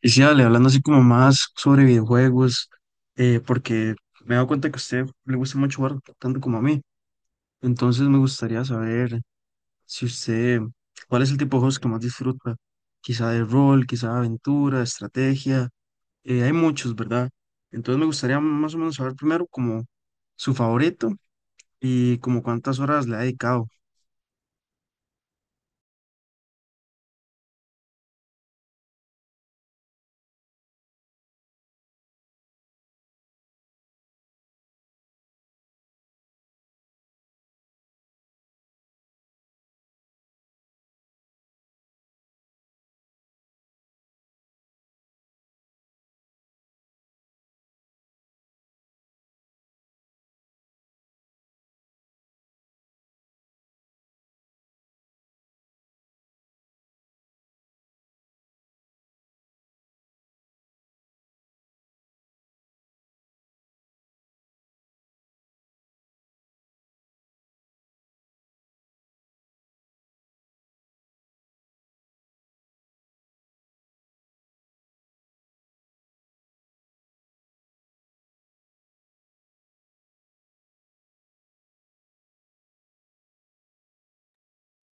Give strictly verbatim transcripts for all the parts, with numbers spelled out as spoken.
Y sí, dale, hablando así como más sobre videojuegos, eh, porque me he dado cuenta que a usted le gusta mucho jugar tanto como a mí. Entonces me gustaría saber si usted, cuál es el tipo de juegos que más disfruta. Quizá de rol, quizá de aventura, estrategia. Eh, hay muchos, ¿verdad? Entonces me gustaría más o menos saber primero como su favorito y como cuántas horas le ha dedicado.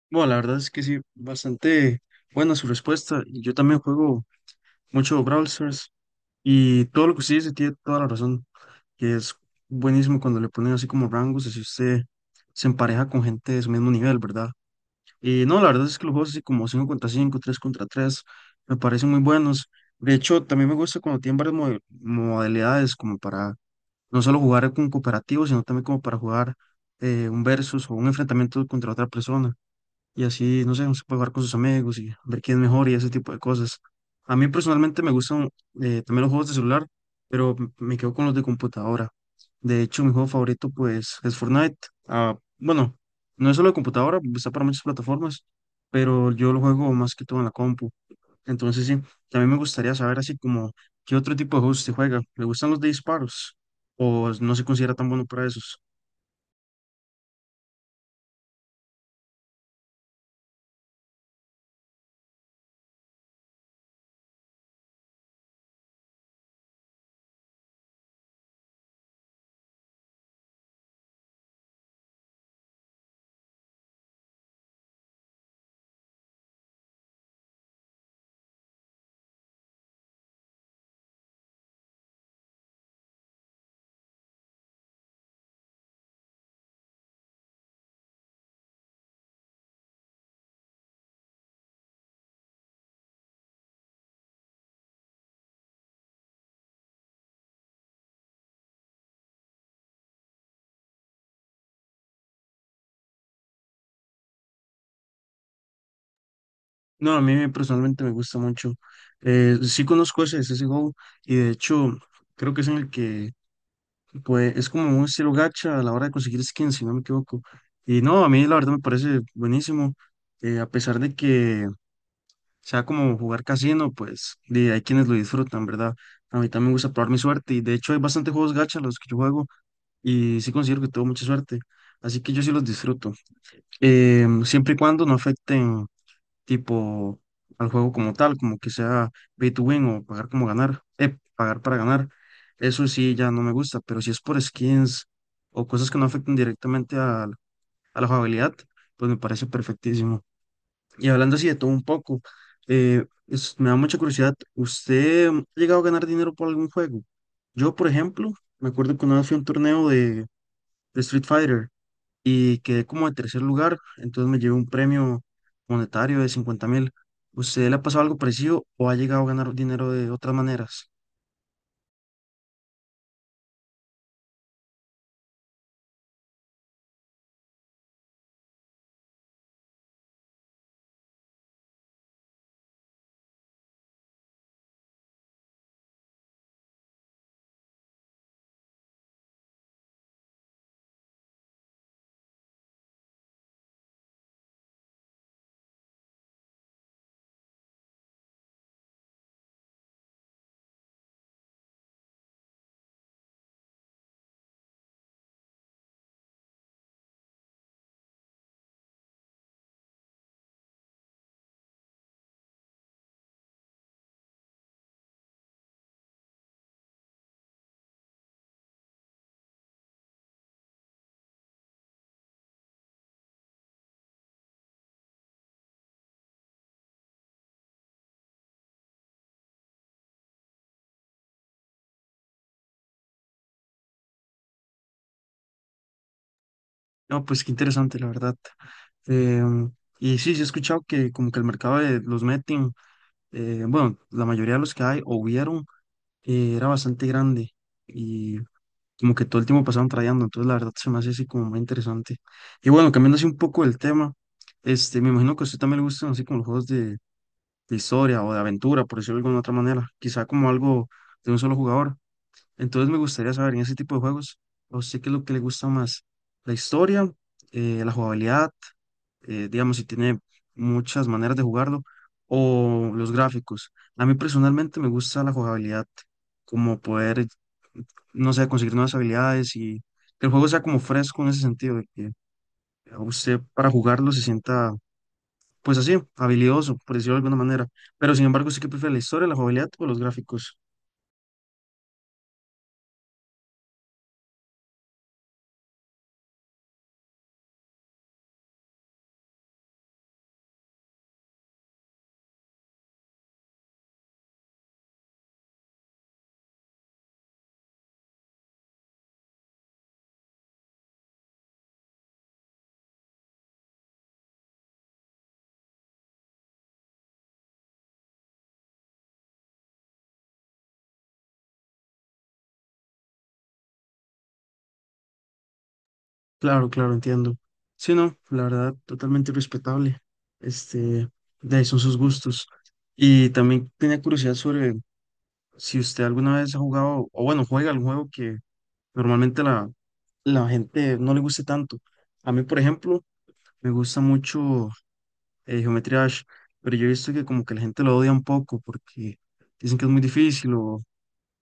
Bueno, la verdad es que sí, bastante buena su respuesta. y Yo también juego mucho Brawl Stars. Y todo lo que usted dice tiene toda la razón, que es buenísimo cuando le ponen así como rangos, así usted se empareja con gente de su mismo nivel, ¿verdad? Y no, la verdad es que los juegos así como cinco contra cinco tres contra tres me parecen muy buenos. De hecho, también me gusta cuando tienen varias mode- modalidades, como para no solo jugar con cooperativo sino también como para jugar eh, un versus o un enfrentamiento contra otra persona y así, no sé, uno se puede jugar con sus amigos y ver quién es mejor y ese tipo de cosas. A mí personalmente me gustan eh, también los juegos de celular, pero m- me quedo con los de computadora. De hecho, mi juego favorito pues es Fortnite. Ah, bueno, no es solo de computadora, está para muchas plataformas, pero yo lo juego más que todo en la compu. Entonces sí, también me gustaría saber así como qué otro tipo de juegos se juega. ¿Le gustan los de disparos? ¿O no se considera tan bueno para esos? No, a mí me- personalmente me gusta mucho. Eh, sí conozco ese C S G O y de hecho creo que es en el que pues, es como un estilo gacha a la hora de conseguir skins, si no me equivoco. Y no, a mí la verdad me parece buenísimo. Eh, a pesar de que sea como jugar casino, pues y hay quienes lo disfrutan, ¿verdad? A mí también me gusta probar mi suerte y de hecho hay bastante juegos gacha los que yo juego y sí considero que tengo mucha suerte. Así que yo sí los disfruto. Em, siempre y cuando no afecten tipo al juego como tal, como que sea pay to win o pagar como ganar, eh, pagar para ganar. Eso sí ya no me gusta, pero si es por skins o cosas que no afecten directamente al- a, la jugabilidad, pues me parece perfectísimo. Y hablando así de todo un poco, eh, es- me da mucha curiosidad, ¿usted ha llegado a ganar dinero por algún juego? Yo, por ejemplo, me acuerdo que una vez fui a un torneo de, de Street Fighter y quedé como de tercer lugar, entonces me llevé un premio monetario de cincuenta mil. ¿Usted le ha pasado algo parecido o ha llegado a ganar dinero de otras maneras? No, pues qué interesante, la verdad. Em, y sí, sí he escuchado que como que el mercado de los betting, eh, bueno, la mayoría de los que hay o hubieron, eh, era bastante grande y como que todo el tiempo pasaban trayendo, entonces la verdad se me hace así como muy interesante. Y bueno, cambiando así un poco el tema, este, me imagino que a usted también le gustan así como los juegos de, de historia o de aventura, por decirlo de alguna otra manera, quizá como algo de un solo jugador. Entonces me gustaría saber en ese tipo de juegos, o sé qué es lo que le gusta más, la historia, eh, la jugabilidad, eh, digamos, si tiene muchas maneras de jugarlo, o los gráficos. A mí personalmente me gusta la jugabilidad, como poder, no sé, conseguir nuevas habilidades y que el juego sea como fresco en ese sentido, de que a usted para jugarlo se sienta pues así, habilidoso, por decirlo de alguna manera. Pero sin embargo, sí que prefiere la historia, la jugabilidad o los gráficos. Claro, claro, entiendo. Sí, no, la verdad, totalmente respetable. Este, de ahí son sus gustos. Y también tenía curiosidad sobre si usted alguna vez ha jugado, o bueno, juega algún juego que normalmente la, la gente no le guste tanto. A mí, por ejemplo, me gusta mucho eh, Geometry Dash, pero yo he visto que como que la gente lo odia un poco porque dicen que es muy difícil o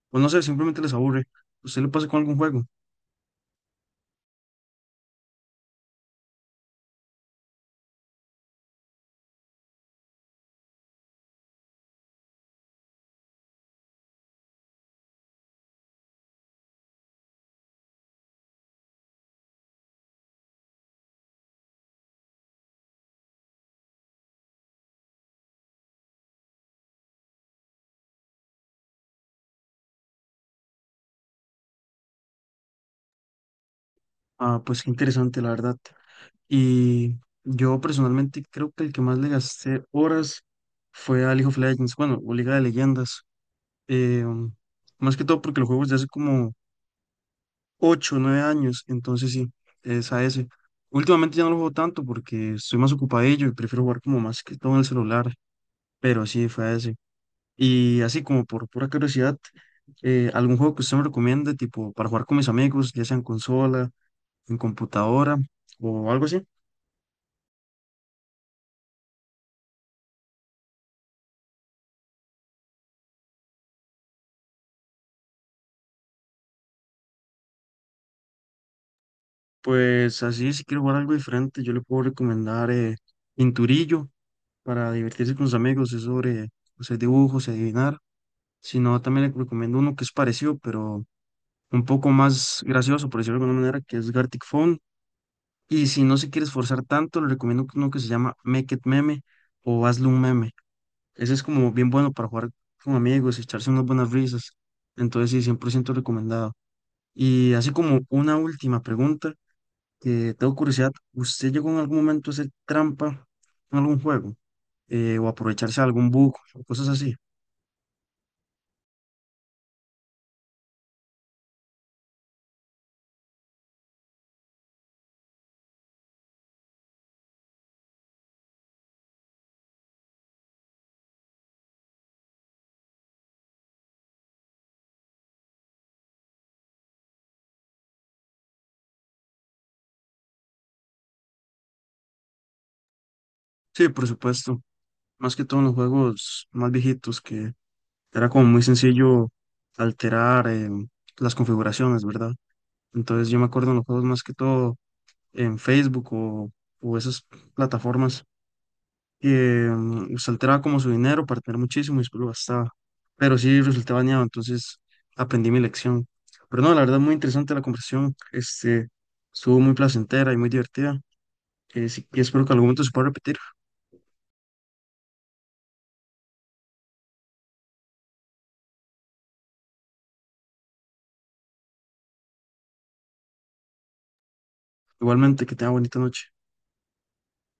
pues no sé, simplemente les aburre. ¿Usted le pasa con algún juego? Ah, pues qué interesante, la verdad. Y yo personalmente creo que el que más le gasté horas fue a League of Legends, bueno, o Liga de Leyendas. Eh, um, Más que todo porque los juegos de hace como ocho o nueve años, entonces sí, es a ese. Últimamente ya no lo juego tanto porque estoy más ocupadillo y prefiero jugar como más que todo en el celular, pero sí, fue a ese. Y así como por pura curiosidad, eh, algún juego que usted me recomiende, tipo para jugar con mis amigos, ya sea en consola, en computadora o algo así. Pues así, si quiero jugar algo diferente, yo le puedo recomendar eh, Pinturillo para divertirse con sus amigos, es sobre o sea, dibujos y adivinar. Si no, también le recomiendo uno que es parecido, pero un poco más gracioso, por decirlo de alguna manera, que es Gartic Phone. Y si no se quiere esforzar tanto, le recomiendo uno que se llama Make It Meme o Hazle un Meme. Ese es como bien bueno para jugar con amigos, y echarse unas buenas risas. Entonces sí, cien por ciento recomendado. Y así como una última pregunta, que tengo curiosidad, ¿usted llegó en algún momento a hacer trampa en algún juego? Eh, o aprovecharse de algún bug o cosas así. Sí, por supuesto. Más que todo en los juegos más viejitos, que era como muy sencillo alterar em, las configuraciones, ¿verdad? Entonces yo me acuerdo en los juegos más que todo en Facebook o, o esas plataformas eh, usted alteraba como su dinero para tener muchísimo y después lo gastaba. Pero sí resulté bañado, entonces aprendí mi lección. Pero no, la verdad, muy interesante la conversación. Este, estuvo muy placentera y muy divertida. Eh, sí, y espero que en algún momento se pueda repetir. Igualmente, que tenga bonita noche.